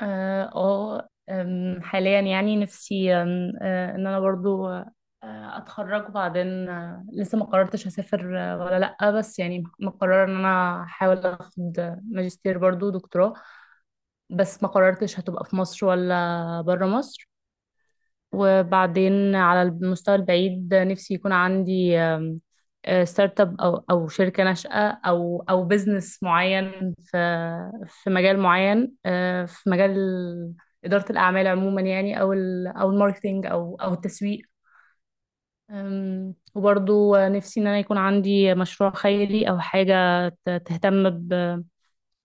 اه آه، أم، حاليا يعني نفسي أم، آه، ان انا برضو اتخرج وبعدين لسه ما قررتش هسافر ولا لا بس يعني مقررة ان انا احاول اخد ماجستير برضو دكتوراه. بس ما قررتش هتبقى في مصر ولا برا مصر. وبعدين على المستوى البعيد نفسي يكون عندي آم، آه، ستارت اب او شركه ناشئه او بزنس معين في في مجال معين، في مجال اداره الاعمال عموما، يعني او الماركتينج او التسويق. وبرضو نفسي ان انا يكون عندي مشروع خيري او حاجه تهتم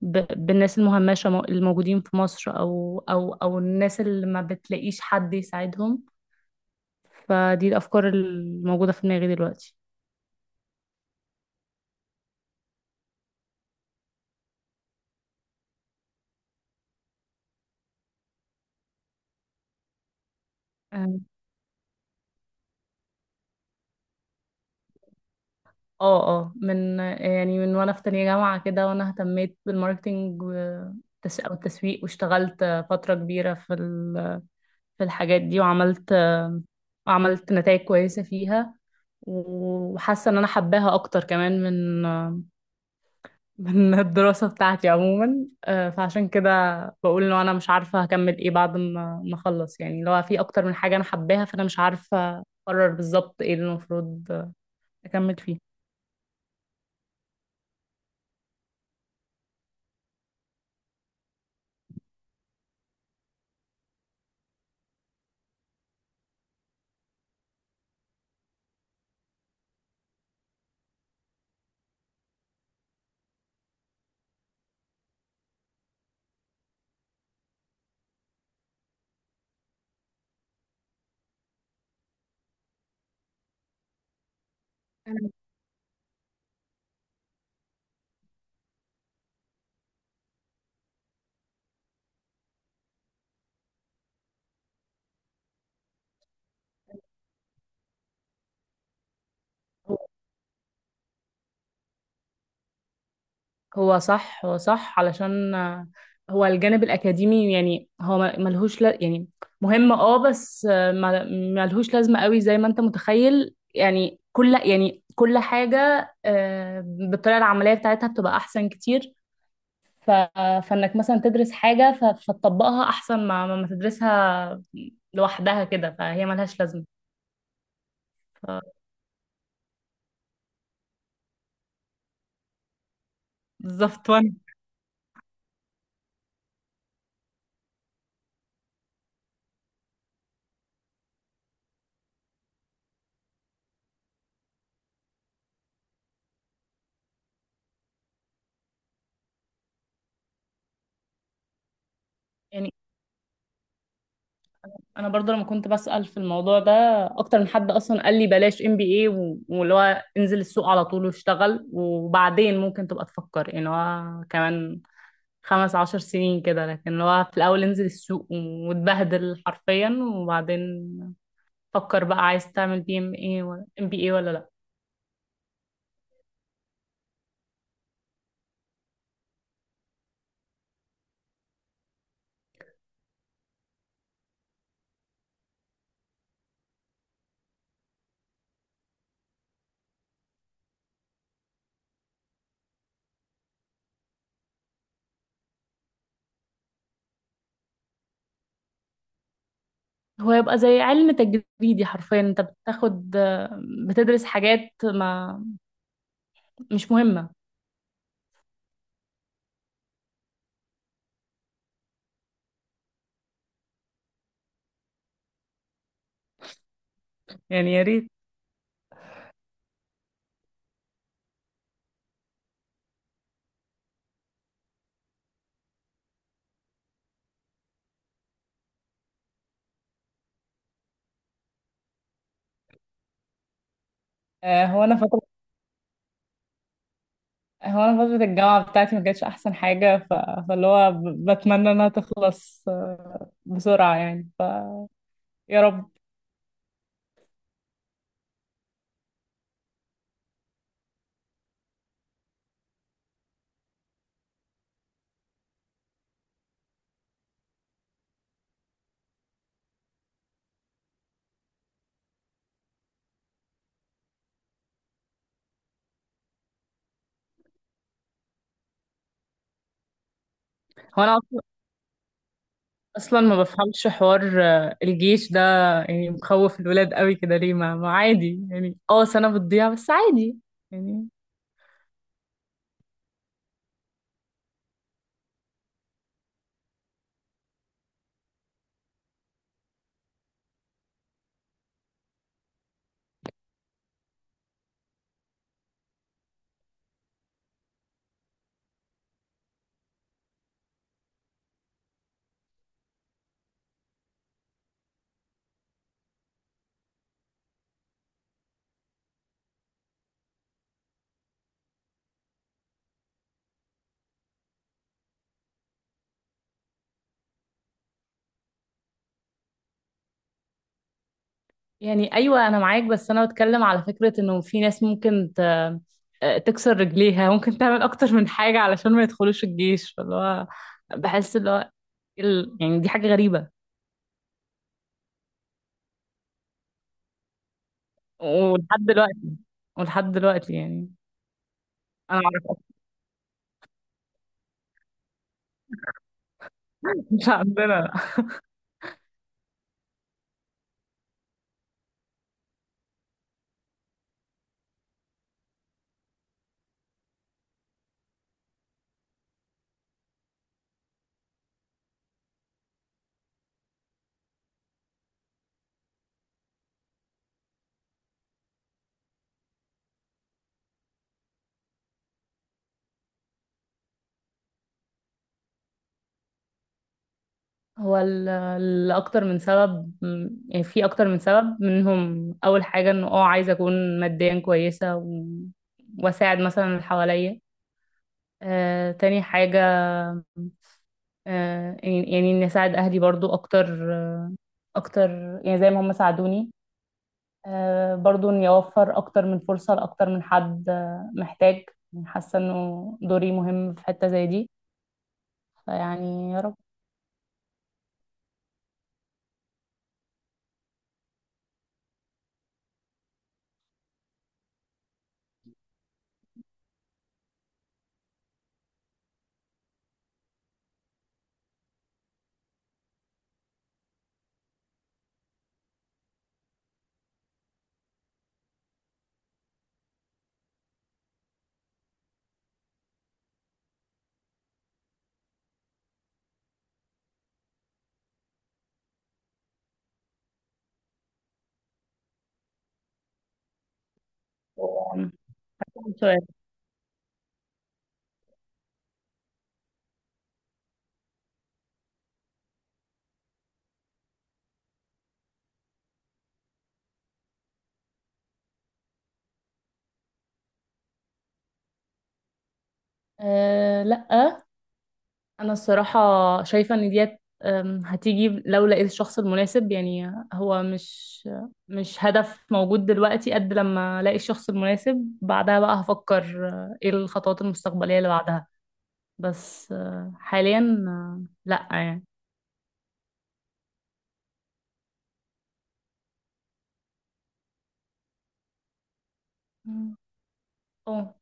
ب... بالناس المهمشه الموجودين في مصر او الناس اللي ما بتلاقيش حد يساعدهم. فدي الافكار الموجوده في دماغي دلوقتي. اه من وانا في تانية جامعة كده وانا اهتميت بالماركتينج والتس- او التسويق، واشتغلت فترة كبيرة في الحاجات دي، وعملت نتائج كويسة فيها، وحاسة ان انا حباها اكتر كمان من الدراسة بتاعتي عموما. فعشان كده بقول انه انا مش عارفة هكمل ايه بعد ما اخلص، يعني لو في اكتر من حاجة انا حباها فانا مش عارفة اقرر بالظبط ايه اللي المفروض اكمل فيه. هو هو صح، علشان هو الجانب الأكاديمي يعني هو يعني مهم اه، بس ملهوش لازمة قوي زي ما انت متخيل. يعني كل حاجة بالطريقة العملية بتاعتها بتبقى أحسن كتير. ف... فانك مثلا تدرس حاجة فتطبقها احسن ما تدرسها لوحدها كده، فهي ملهاش لازمة. ف... بالظبط. وانا يعني، انا برضه لما كنت بسأل في الموضوع ده اكتر من حد، اصلا قال لي بلاش ام بي اي، واللي هو انزل السوق على طول واشتغل وبعدين ممكن تبقى تفكر، يعني هو كمان خمس عشر سنين كده. لكن اللي هو في الاول انزل السوق واتبهدل حرفيا، وبعدين فكر بقى عايز تعمل بي ام اي ولا ام بي اي ولا لا. هو يبقى زي علم تجريدي حرفيا، انت بتدرس حاجات ما مش مهمة. يعني يا ريت. آه، هو انا فترة هو انا فترة الجامعة بتاعتي ما كانتش احسن حاجة. فاللي هو بتمنى انها تخلص بسرعة يعني. ف يا رب. هو انا اصلا أصلاً ما بفهمش حوار الجيش ده، يعني مخوف الولاد قوي كده ليه؟ ما عادي يعني، اه سنة بتضيع بس عادي يعني. يعني ايوه انا معاك، بس انا بتكلم على فكرة انه في ناس ممكن تكسر رجليها، ممكن تعمل اكتر من حاجة علشان ما يدخلوش الجيش. فاللي هو بحس اللي هو يعني دي حاجة غريبة. ولحد دلوقتي، ولحد دلوقتي يعني. انا اعرف أكتر. مش عندنا. هو الاكتر من سبب، يعني في اكتر من سبب. منهم اول حاجة انه اه عايزة اكون ماديا كويسة، واساعد مثلا اللي حواليا. تاني حاجة، يعني اني اساعد اهلي برضو اكتر يعني زي ما هم ساعدوني. برضو إن يوفر أكتر من فرصة لأكتر من حد محتاج، يعني حاسة إنه دوري مهم في حتة زي دي. فيعني يا رب. آم، سؤال: أه، لأ، أنا الصراحة شايفة إن ديت هتيجي لو لقيت الشخص المناسب. يعني هو مش هدف موجود دلوقتي، قد لما الاقي الشخص المناسب بعدها بقى هفكر ايه الخطوات المستقبليه اللي بعدها. بس حاليا لا يعني. مم. اه.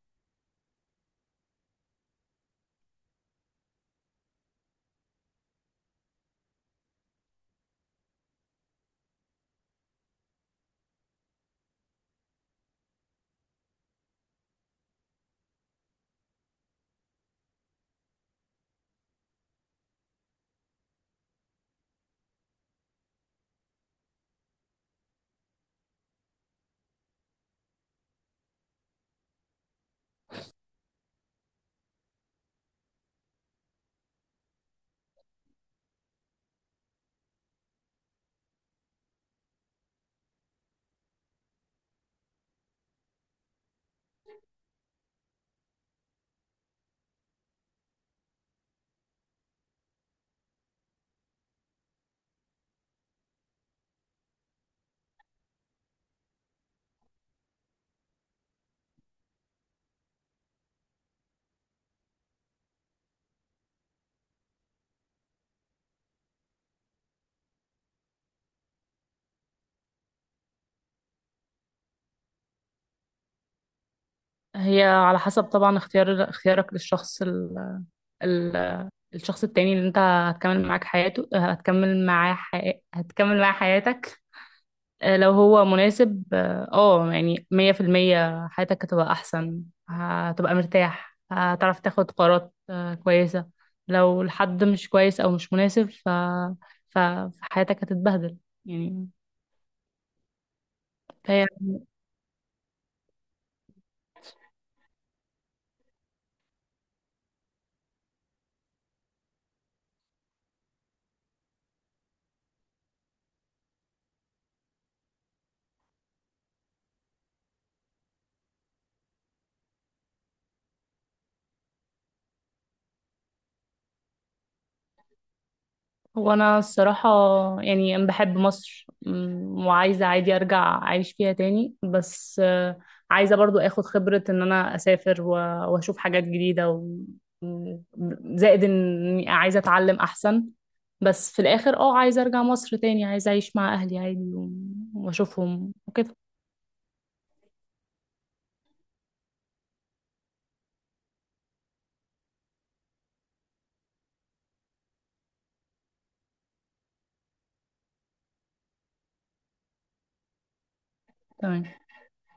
هي على حسب طبعا اختيارك للشخص ال... الشخص التاني اللي انت هتكمل معاك حياته هتكمل معاه حي... هتكمل معاه حياتك. لو هو مناسب، اه يعني مية في المية حياتك هتبقى أحسن، هتبقى مرتاح، هتعرف تاخد قرارات كويسة. لو الحد مش كويس أو مش مناسب فحياتك هتتبهدل يعني. فهي. هو انا الصراحه يعني أنا بحب مصر. وعايزه عادي ارجع اعيش فيها تاني، بس عايزه برضو اخد خبره ان انا اسافر واشوف حاجات جديده و- زائد اني عايزه اتعلم احسن. بس في الاخر اه عايزه ارجع مصر تاني، عايزه اعيش مع اهلي عادي واشوفهم وكده. تمام.